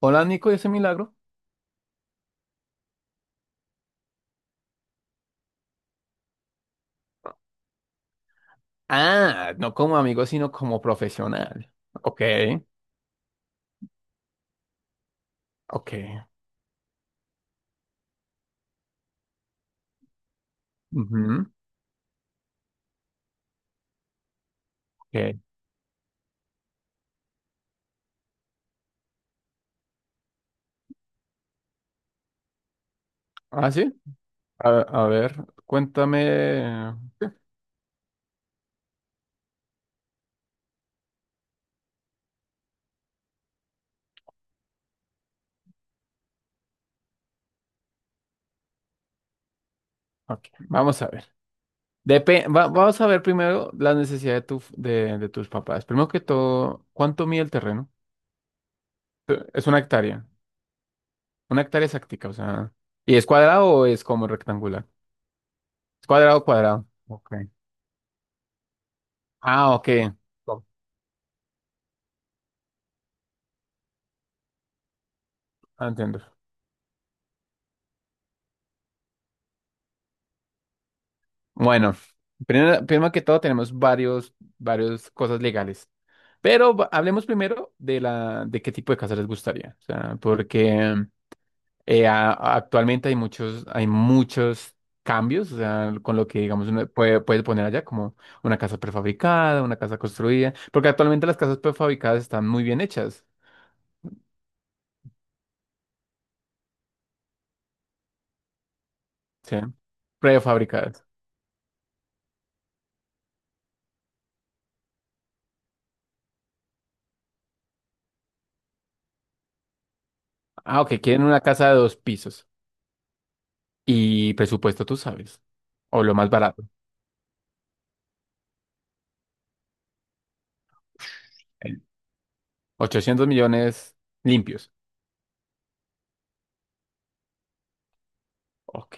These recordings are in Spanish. Hola Nico, ¿y ese milagro? Ah, no como amigo, sino como profesional. Ok, ok. Ujú, ok. Ah, sí. A, a ver, cuéntame. Ok, vamos a ver. Vamos a ver primero la necesidad de, tu, de tus papás. Primero que todo, ¿cuánto mide el terreno? Es una hectárea. Una hectárea exacta, o sea. ¿Y es cuadrado o es como rectangular? Es cuadrado, cuadrado. Ok. Ah, ok. Oh, ah, entiendo. Bueno, primero, primero que todo tenemos varios cosas legales, pero hablemos primero de la, de qué tipo de casa les gustaría, o sea, porque actualmente hay muchos cambios, o sea, con lo que digamos uno puede, puede poner allá como una casa prefabricada, una casa construida, porque actualmente las casas prefabricadas están muy bien hechas, ¿sí? Prefabricadas. Ah, ok, quieren una casa de dos pisos y presupuesto tú sabes, o lo más barato. 800 millones limpios. Ok,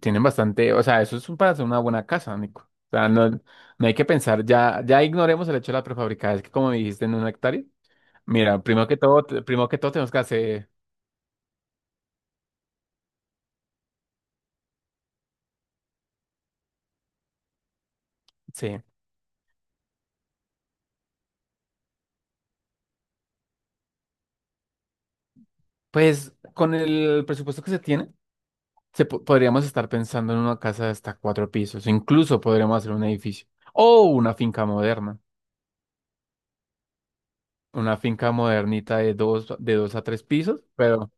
tienen bastante, o sea, para hacer una buena casa, Nico. O sea, no, no hay que pensar, ya, ya ignoremos el hecho de la prefabricada, es que como dijiste en una hectárea, mira, primero que todo, primero que todo tenemos que hacer, sí, pues con el presupuesto que se tiene, podríamos estar pensando en una casa de hasta cuatro pisos, incluso podríamos hacer un edificio o una finca moderna, una finca modernita de dos a tres pisos. Pero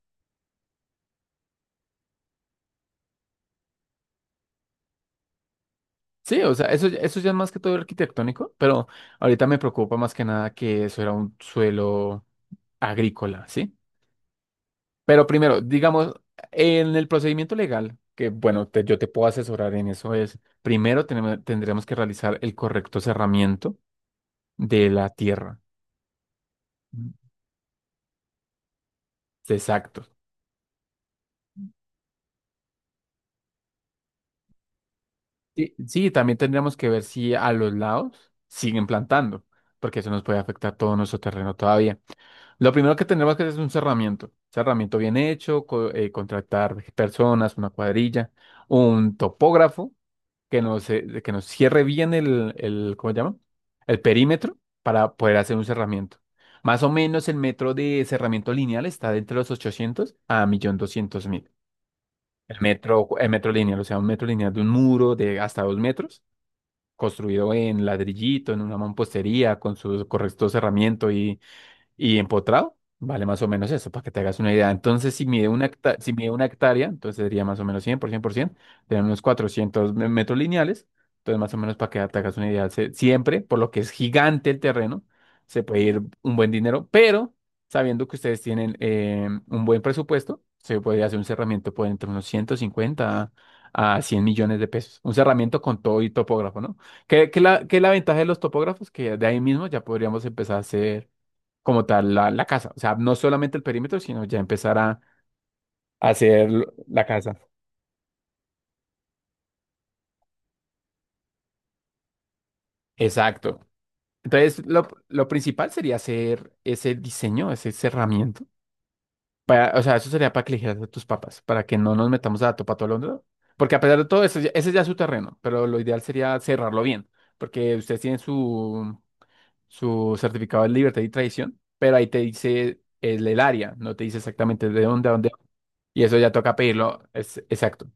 sí, o sea, eso ya es más que todo arquitectónico, pero ahorita me preocupa más que nada que eso era un suelo agrícola, ¿sí? Pero primero, digamos, en el procedimiento legal, que bueno, yo te puedo asesorar en eso, es primero tendremos que realizar el correcto cerramiento de la tierra. Mm. Exacto. Sí, sí, también tendríamos que ver si a los lados siguen plantando, porque eso nos puede afectar todo nuestro terreno todavía. Lo primero que tenemos que hacer es un cerramiento. Cerramiento bien hecho, contratar personas, una cuadrilla, un topógrafo que nos cierre bien el, ¿cómo se llama? El perímetro para poder hacer un cerramiento. Más o menos el metro de cerramiento lineal está de entre los 800 a 1.200.000. El metro lineal, o sea, un metro lineal de un muro de hasta dos metros, construido en ladrillito, en una mampostería, con su correcto cerramiento y empotrado vale más o menos eso, para que te hagas una idea. Entonces, si mide una hectárea, si mide una hectárea, entonces sería más o menos 100 por 100 por 100, serían unos 400 metros lineales. Entonces, más o menos para que te hagas una idea, siempre, por lo que es gigante el terreno, se puede ir un buen dinero, pero sabiendo que ustedes tienen un buen presupuesto, se podría hacer un cerramiento por entre unos 150 a 100 millones de pesos. Un cerramiento con todo y topógrafo, ¿no? ¿Qué, qué la, qué es la ventaja de los topógrafos? Que de ahí mismo ya podríamos empezar a hacer como tal la, la casa. O sea, no solamente el perímetro, sino ya empezar a hacer la casa. Exacto. Entonces, lo principal sería hacer ese diseño, ese cerramiento. Para, o sea, eso sería para que eligieras a tus papás, para que no nos metamos a topa todo Londres, ¿no? Porque a pesar de todo, eso, ese ya es su terreno, pero lo ideal sería cerrarlo bien, porque ustedes tienen su, su certificado de libertad y tradición, pero ahí te dice el área, no te dice exactamente de dónde, a dónde. Y eso ya toca pedirlo. Es, exacto.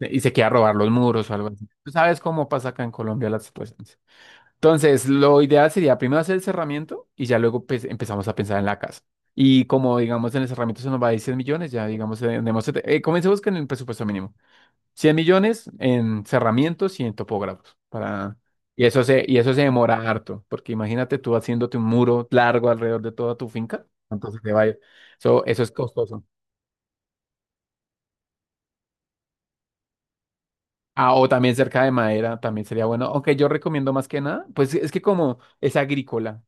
Y se quiera robar los muros o algo así. Tú sabes cómo pasa acá en Colombia las situaciones. Entonces, lo ideal sería primero hacer el cerramiento y ya luego pues, empezamos a pensar en la casa. Y como digamos en el cerramiento se nos va a ir 100 millones, ya digamos, tenemos, comencemos con el presupuesto mínimo. 100 millones en cerramientos y en topógrafos. Para... y eso se demora harto, porque imagínate tú haciéndote un muro largo alrededor de toda tu finca. Entonces te va a ir- eso es costoso. Ah, o también cerca de madera, también sería bueno. Aunque yo recomiendo más que nada, pues es que como es agrícola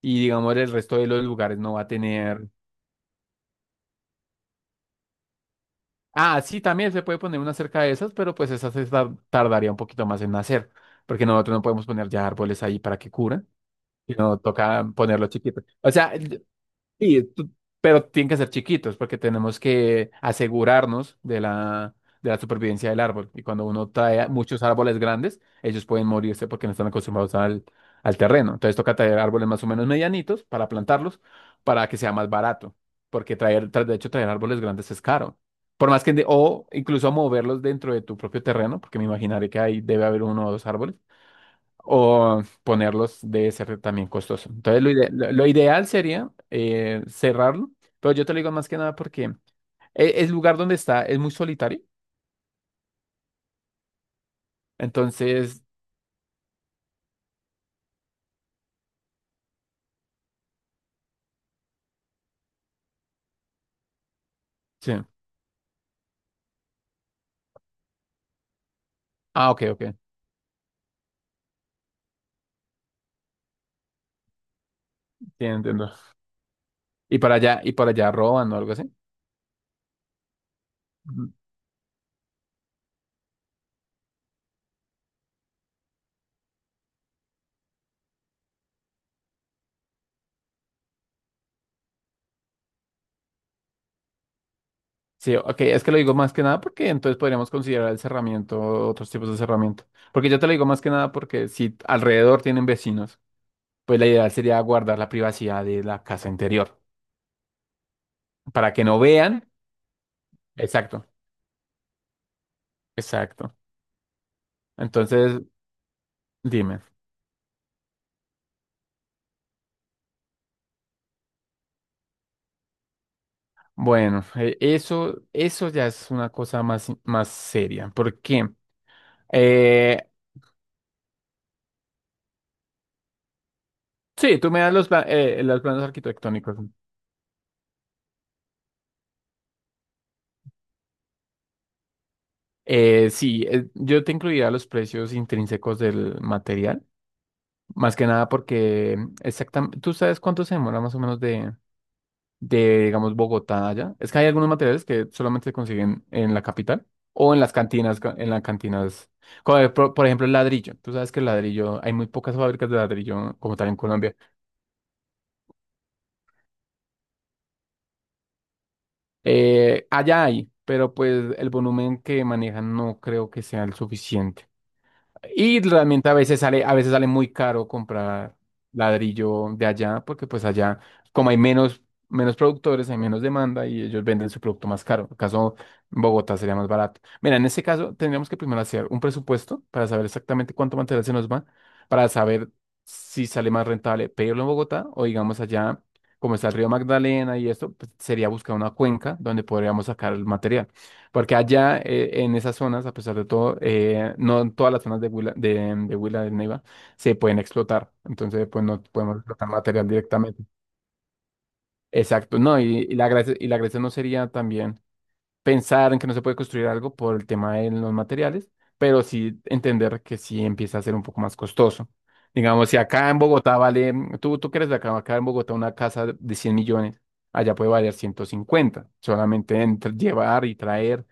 y digamos el resto de los lugares no va a tener. Ah, sí, también se puede poner una cerca de esas, pero pues esas tardaría un poquito más en nacer, porque nosotros no podemos poner ya árboles ahí para que curan, sino toca ponerlos chiquitos. O sea, sí, tú- pero tienen que ser chiquitos porque tenemos que asegurarnos de la supervivencia del árbol. Y cuando uno trae muchos árboles grandes, ellos pueden morirse porque no están acostumbrados al, al terreno. Entonces toca traer árboles más o menos medianitos para plantarlos para que sea más barato. Porque traer, de hecho, traer árboles grandes es caro. Por más que, o incluso moverlos dentro de tu propio terreno, porque me imaginaré que ahí debe haber uno o dos árboles, o ponerlos debe ser también costoso. Entonces, lo ideal sería cerrarlo, pero yo te lo digo más que nada porque el, lugar donde está es muy solitario. Entonces, sí. Ah, ok, ok. Sí, entiendo. Y para allá roban o algo así. Ujú. Sí, ok, es que lo digo más que nada porque entonces podríamos considerar el cerramiento, otros tipos de cerramiento. Porque yo te lo digo más que nada porque si alrededor tienen vecinos, pues la idea sería guardar la privacidad de la casa interior para que no vean. Exacto, exacto. Entonces, dime. Bueno, eso, eso ya es una cosa más, más seria. ¿Por qué? Eh, sí, tú me das los, los planos arquitectónicos. Sí, yo te incluiría los precios intrínsecos del material. Más que nada porque exactamente, ¿tú sabes cuánto se demora más o menos de, digamos, Bogotá allá? Es que hay algunos materiales que solamente se consiguen en la capital o en las cantinas, en las cantinas. Como, por ejemplo, el ladrillo. Tú sabes que el ladrillo, hay muy pocas fábricas de ladrillo como tal en Colombia. Allá hay, pero pues el volumen que manejan no creo que sea el suficiente. Y realmente a veces sale muy caro comprar ladrillo de allá, porque pues allá, como hay menos, menos productores, hay menos demanda y ellos venden su producto más caro. En el caso en Bogotá sería más barato. Mira, en ese caso tendríamos que primero hacer un presupuesto para saber exactamente cuánto material se nos va, para saber si sale más rentable pedirlo en Bogotá o digamos allá, como está el río Magdalena y esto, pues, sería buscar una cuenca donde podríamos sacar el material. Porque allá en esas zonas, a pesar de todo, no en todas las zonas de Huila del Neiva se pueden explotar. Entonces, pues no podemos explotar material directamente. Exacto, no, y la gracia no sería también pensar en que no se puede construir algo por el tema de los materiales, pero sí entender que sí empieza a ser un poco más costoso. Digamos, si acá en Bogotá vale, tú que eres de acá, acá en Bogotá una casa de 100 millones, allá puede valer 150 millones solamente entre llevar y traer.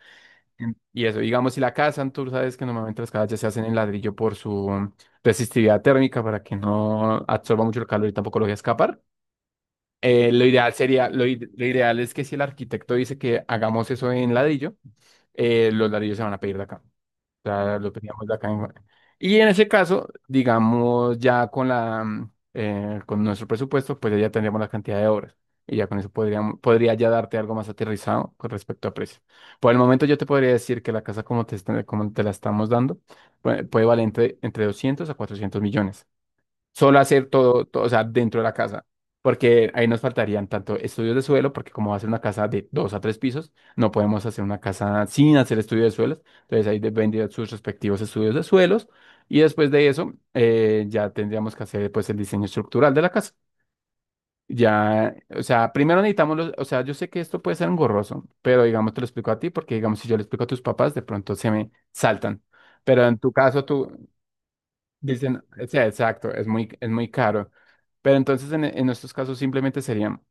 Y eso, digamos, si la cazan, tú sabes que normalmente las casas ya se hacen en ladrillo por su mm, resistividad térmica para que no absorba mucho el calor y tampoco lo deje escapar. Lo ideal sería, lo ideal es que si el arquitecto dice que hagamos eso en ladrillo, los ladrillos se van a pedir de acá, sea, lo teníamos acá en- Y en ese caso, digamos, ya con la, mm, con nuestro presupuesto, pues ya tendríamos la cantidad de horas. Y ya con eso podríamos, podría ya darte algo más aterrizado con respecto a precio. Por el momento yo te podría decir que la casa como te, como te la estamos dando puede, puede valer entre, entre 200 a 400 millones, solo hacer todo, todo, o sea, dentro de la casa, porque ahí nos faltarían tanto estudios de suelo, porque como va a ser una casa de dos a tres pisos, no podemos hacer una casa sin hacer estudios de suelos, entonces ahí vendrían sus respectivos estudios de suelos, y después de eso ya tendríamos que hacer pues el diseño estructural de la casa. Ya, o sea, primero necesitamos los, o sea, yo sé que esto puede ser engorroso, pero digamos te lo explico a ti, porque digamos si yo le explico a tus papás, de pronto se me saltan. Pero en tu caso, tú, dicen, o sea, exacto, es muy caro. Pero entonces en estos casos simplemente serían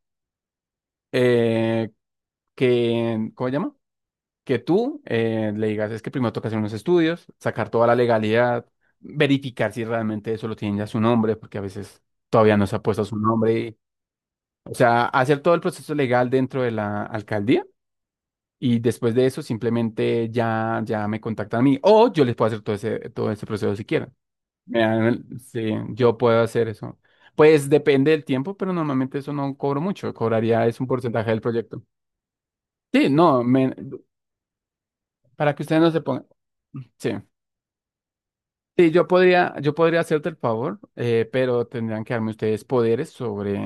eh, que, ¿cómo se llama? Que tú le digas, es que primero toca hacer unos estudios, sacar toda la legalidad, verificar si realmente eso lo tienen ya su nombre, porque a veces todavía no se ha puesto su nombre. O sea, hacer todo el proceso legal dentro de la alcaldía y después de eso simplemente ya me contactan a mí o yo les puedo hacer todo ese proceso si quieren. Mira, sí, yo puedo hacer eso. Pues depende del tiempo, pero normalmente eso no cobro mucho. Cobraría es un porcentaje del proyecto. Sí, no, para que ustedes no se pongan. Sí. Sí, yo podría hacerte el favor, pero tendrían que darme ustedes poderes sobre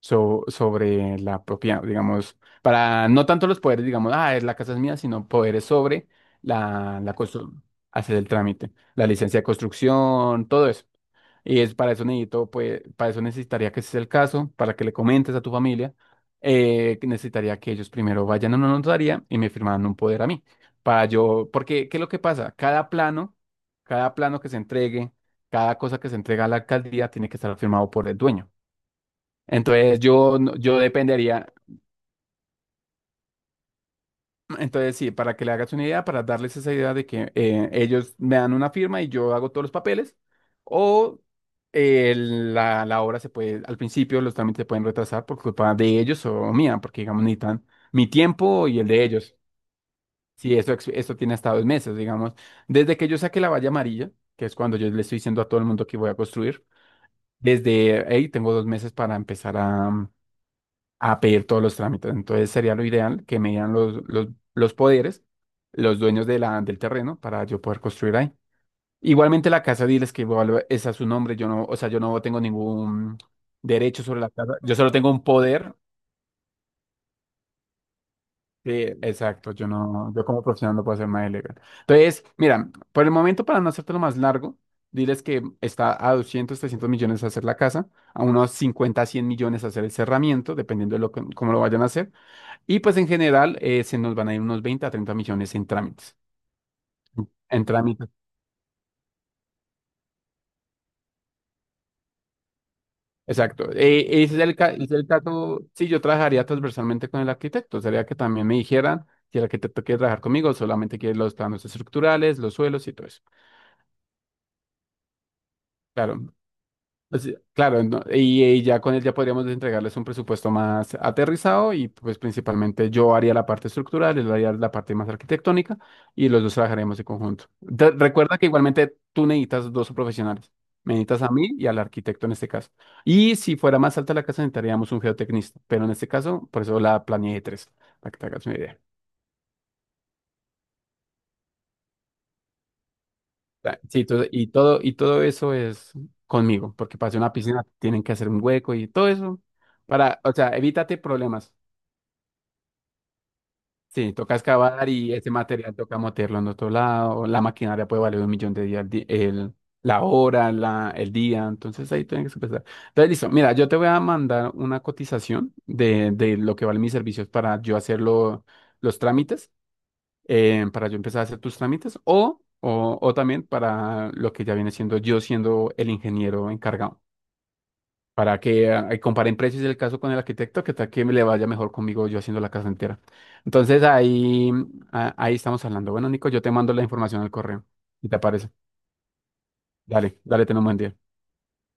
sobre la propia, digamos, para no tanto los poderes, digamos, es la casa es mía, sino poderes sobre la hacer el trámite, la licencia de construcción, todo eso. Y es para eso necesito, pues, para eso necesitaría que ese es el caso, para que le comentes a tu familia, que necesitaría que ellos primero vayan a una notaría y me firmaran un poder a mí. Para yo, porque, ¿qué es lo que pasa? Cada plano que se entregue, cada cosa que se entrega a la alcaldía tiene que estar firmado por el dueño. Entonces yo, no- yo dependería, entonces sí, para que le hagas una idea, para darles esa idea de que ellos me dan una firma y yo hago todos los papeles, o la obra se puede, al principio los trámites se pueden retrasar por culpa de ellos o mía, porque digamos necesitan mi tiempo y el de ellos. Sí, esto tiene hasta 2 meses, digamos, desde que yo saque la valla amarilla, que es cuando yo le estoy diciendo a todo el mundo que voy a construir, desde ahí tengo 2 meses para empezar a pedir todos los trámites. Entonces sería lo ideal que me dieran los poderes, los dueños de del terreno para yo poder construir ahí. Igualmente la casa, diles que igual es a su nombre, yo no, o sea, yo no tengo ningún derecho sobre la casa, yo solo tengo un poder. Sí, exacto, yo no, yo como profesional no puedo hacer nada ilegal. Entonces, mira, por el momento para no hacértelo más largo, diles que está a 200 300 millones hacer la casa, a unos 50, 100 millones hacer el cerramiento, dependiendo de lo que, cómo lo vayan a hacer. Y pues en general se nos van a ir unos 20 a 30 millones en trámites. En trámites. Exacto. Ese es el caso. Sí, yo trabajaría transversalmente con el arquitecto. Sería que también me dijeran si el arquitecto quiere trabajar conmigo, solamente quiere los planos estructurales, los suelos y todo eso. Claro. O sea, claro, y ya con él ya podríamos entregarles un presupuesto más aterrizado y pues principalmente yo haría la parte estructural, él haría la parte más arquitectónica y los dos trabajaremos en conjunto. Recuerda que igualmente tú necesitas dos profesionales, me necesitas a mí y al arquitecto en este caso. Y si fuera más alta la casa necesitaríamos un geotecnista, pero en este caso por eso la planeé de tres, para que te hagas una idea. Sí, y todo eso es conmigo, porque para hacer una piscina tienen que hacer un hueco y todo eso. Para, o sea, evítate problemas. Sí, toca excavar y ese material toca meterlo en otro lado. La maquinaria puede valer un millón de días, el, la hora, la, el día. Entonces ahí tienen que empezar. Entonces, listo. Mira, yo te voy a mandar una cotización de lo que valen mis servicios para yo hacer los trámites, para yo empezar a hacer tus trámites o también para lo que ya viene siendo yo siendo el ingeniero encargado para que comparen precios el caso con el arquitecto, que tal que me le vaya mejor conmigo yo haciendo la casa entera. Entonces ahí, ahí estamos hablando. Bueno, Nico, yo te mando la información al correo. ¿Y te aparece? Dale, dale, ten un buen día.